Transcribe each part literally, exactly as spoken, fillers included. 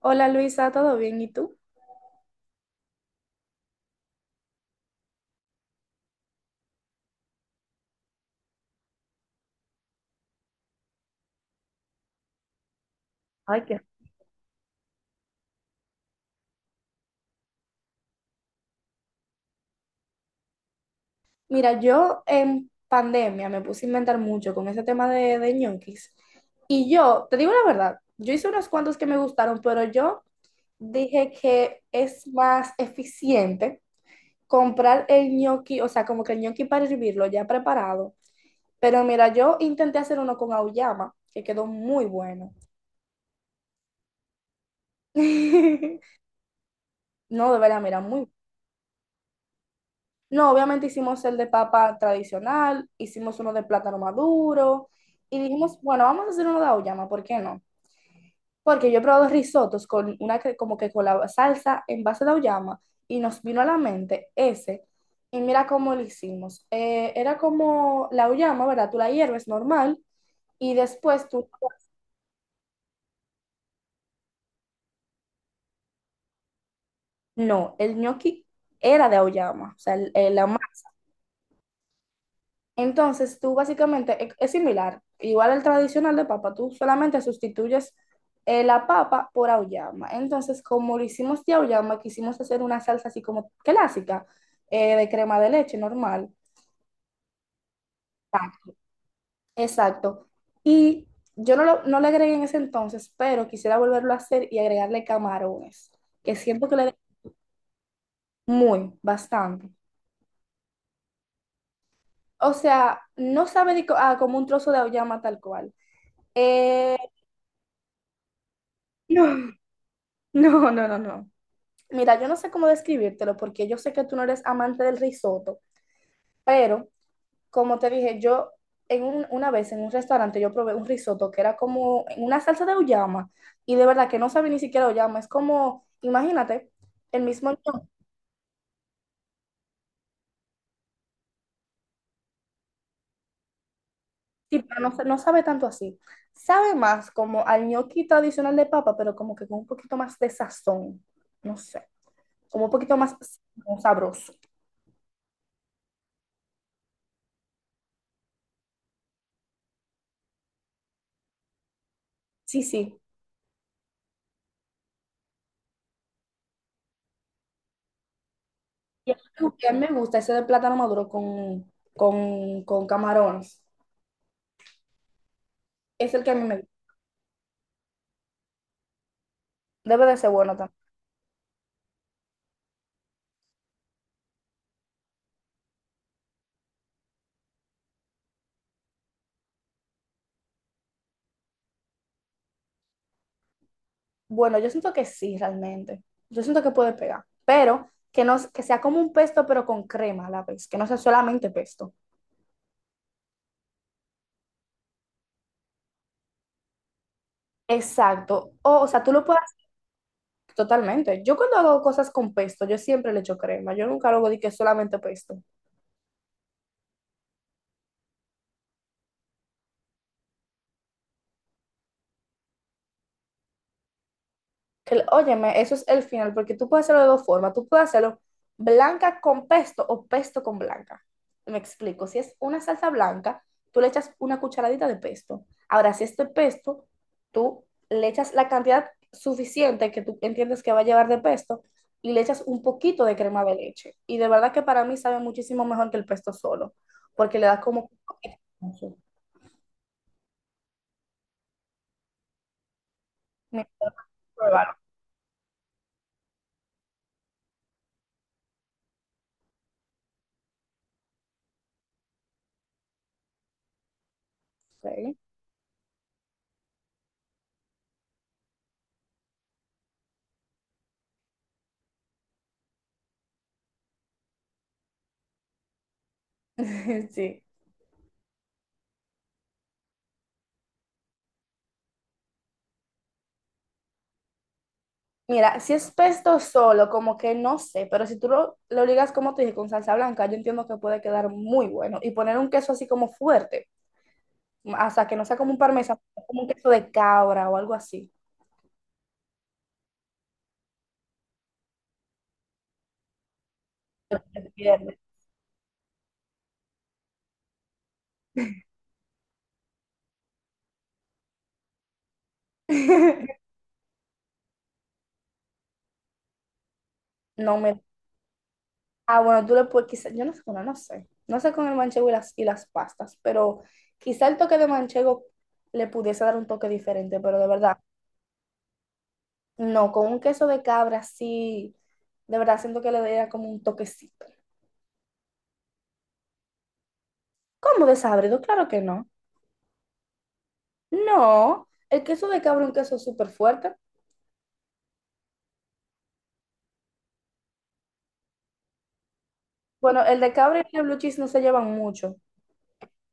Hola Luisa, ¿todo bien? ¿Y tú? Ay, qué... Mira, yo en pandemia me puse a inventar mucho con ese tema de, de ñoquis. Y yo, te digo la verdad, yo hice unos cuantos que me gustaron, pero yo dije que es más eficiente comprar el ñoqui, o sea, como que el ñoqui para hervirlo ya preparado. Pero mira, yo intenté hacer uno con auyama, que quedó muy bueno. No, de verdad, mira, muy... No, obviamente hicimos el de papa tradicional, hicimos uno de plátano maduro y dijimos, bueno, vamos a hacer uno de auyama, ¿por qué no? Porque yo he probado risotos con una que- como que con la salsa en base de auyama y nos vino a la mente ese. Y mira cómo lo hicimos. Eh, era como la auyama, ¿verdad? Tú la hierves normal y después tú... No, el ñoqui era de auyama, o sea, el- el- la... Entonces, tú básicamente es, es similar, igual al tradicional de papa, tú solamente sustituyes eh, la papa por auyama. Entonces, como lo hicimos de auyama, quisimos hacer una salsa así como clásica, eh, de crema de leche normal. Ah, exacto. Y yo no, lo- no le agregué en ese entonces, pero quisiera volverlo a hacer y agregarle camarones, que siento que le da muy, bastante. O sea, no sabe de co- ah, como un trozo de auyama tal cual. Eh, no, no, no, no, no. Mira, yo no sé cómo describírtelo porque yo sé que tú no eres amante del risotto, pero como te dije, yo en un- una vez en un restaurante yo probé un risotto que era como en una salsa de uyama y de verdad que no sabe ni siquiera uyama, es como, imagínate, el mismo ñoqui, sí, pero no, sa- no sabe tanto así. Sabe más como al ñoqui tradicional de papa, pero como que con un poquito más de sazón, no sé, como un poquito más sabroso. Sí, sí. Y el único que a mí me gusta ese de plátano maduro con, con, con camarones. Es el que a mí me gusta. Debe de ser bueno también. Bueno, yo siento que sí, realmente. Yo siento que puede pegar. Pero que, no, que sea como un pesto, pero con crema a la vez. Que no sea solamente pesto. Exacto. O, o sea, tú lo puedes hacer totalmente. Yo cuando hago cosas con pesto, yo siempre le echo crema. Yo nunca lo hago de que es solamente pesto. Que, el- óyeme, eso es el final, porque tú puedes hacerlo de dos formas. Tú puedes hacerlo blanca con pesto o pesto con blanca. Me explico. Si es una salsa blanca, tú le echas una cucharadita de pesto. Ahora, si es de pesto, tú le echas la cantidad suficiente que tú entiendes que va a llevar de pesto y le echas un poquito de crema de leche. Y de verdad que para mí sabe muchísimo mejor que el pesto solo, porque le da como... Me- pruébalo. Ok. Sí. Mira, si es pesto solo, como que no sé, pero si tú lo, lo ligas como te dije, con salsa blanca, yo entiendo que puede quedar muy bueno. Y poner un queso así como fuerte, hasta que no sea como un parmesano, como un queso de cabra o algo así. Se pierde. No me... Ah, bueno, tú le puedes, quizá, yo no sé, bueno, no sé, no sé con el manchego y las, y las pastas, pero quizá el toque de manchego le pudiese dar un toque diferente, pero de verdad, no, con un queso de cabra sí, de verdad siento que le daría como un toquecito. ¿Cómo desabrido? Claro que no. No, el queso de cabra es un queso súper fuerte. Bueno, el de cabra y el blue cheese no se llevan mucho,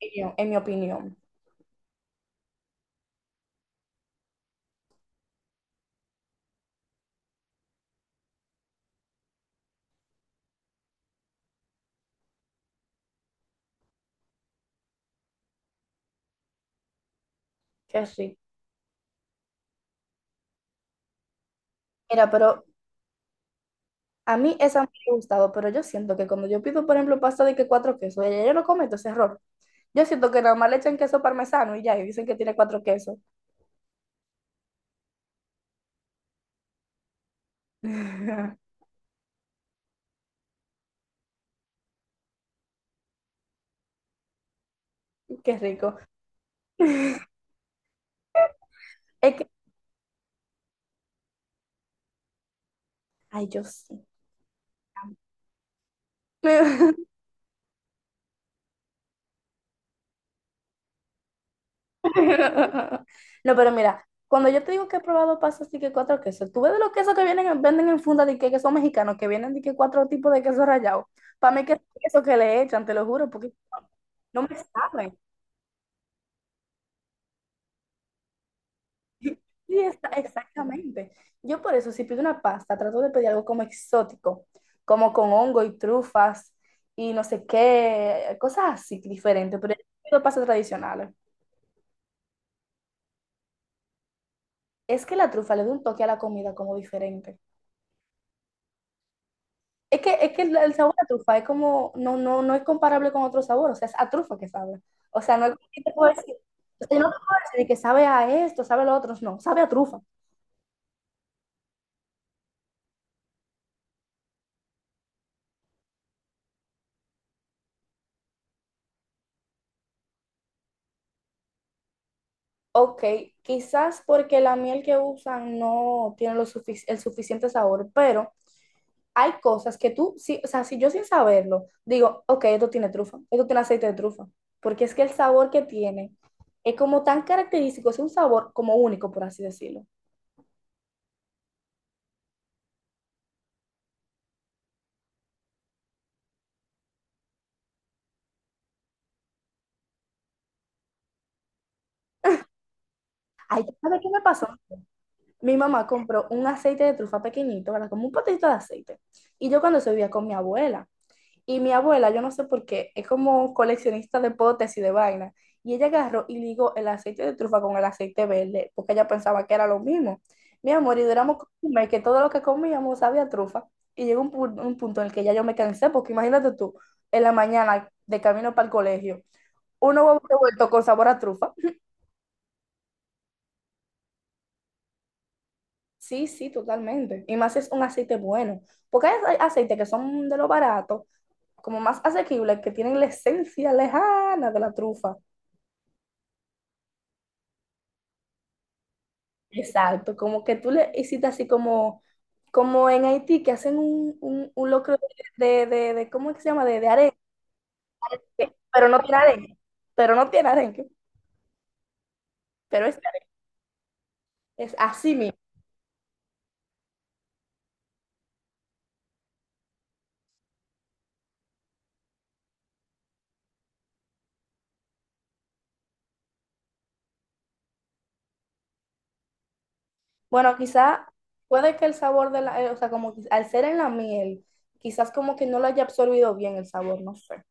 en mi en mi opinión. Que sí. Mira, pero a mí esa no me ha gustado, pero yo siento que cuando yo pido, por ejemplo, pasta de que cuatro quesos, ella yo no cometo ese error. Yo siento que nada más le echan queso parmesano y ya, y dicen que tiene cuatro quesos. Qué rico. Es que, ay, yo sí. No, pero mira, cuando yo te digo que he probado pastas de que cuatro quesos, tú ves de los quesos que vienen, en- venden en funda de que que son mexicanos, que vienen de que cuatro tipos de queso rallado. Para mí que es queso que le echan, te lo juro, porque no me saben. Sí, está, exactamente. Yo por eso, si pido una pasta, trato de pedir algo como exótico, como con hongo y trufas y no sé qué, cosas así diferentes, pero yo pido pastas tradicionales. Es que la trufa le da un toque a la comida como diferente. Es que, es que el el sabor a trufa es como, no, no, no es comparable con otro sabor, o sea, es a trufa que sabe. O sea, no es que te puedo decir, o sea, yo no te puedo decir que sabe a esto, sabe a lo otro, no, sabe a trufa. Ok, quizás porque la miel que usan no tiene lo sufic- el suficiente sabor, pero hay cosas que tú, sí, o sea, si yo sin saberlo digo, ok, esto tiene trufa, esto tiene aceite de trufa, porque es que el sabor que tiene es como tan característico, es un sabor como único, por así decirlo. Ay, ¿sabes qué me pasó? Mi mamá compró un aceite de trufa pequeñito, ¿verdad? Como un potito de aceite. Y yo cuando eso vivía con mi abuela. Y mi abuela, yo no sé por qué, es como coleccionista de potes y de vainas. Y ella agarró y ligó el aceite de trufa con el aceite verde, porque ella pensaba que era lo mismo. Mi amor, y duramos como que todo lo que comíamos sabía a trufa. Y llegó un, pu- un punto en el que ya yo me cansé, porque imagínate tú, en la mañana de camino para el colegio, uno huevo revuelto con sabor a trufa. Sí, sí, totalmente. Y más si es un aceite bueno. Porque hay hay aceites que son de lo barato, como más asequibles, que tienen la esencia lejana de la trufa. Exacto, como que tú le hiciste así como, como en Haití, que hacen un, un, un locro de, de, de, de- ¿cómo es que se llama? De, de arenque, pero no tiene arenque, pero no tiene arenque, pero es, es así mismo. Bueno, quizá puede que el sabor de la, eh, o sea, como que al ser en la miel, quizás como que no lo haya absorbido bien el sabor, no sé.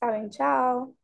Saben, chao.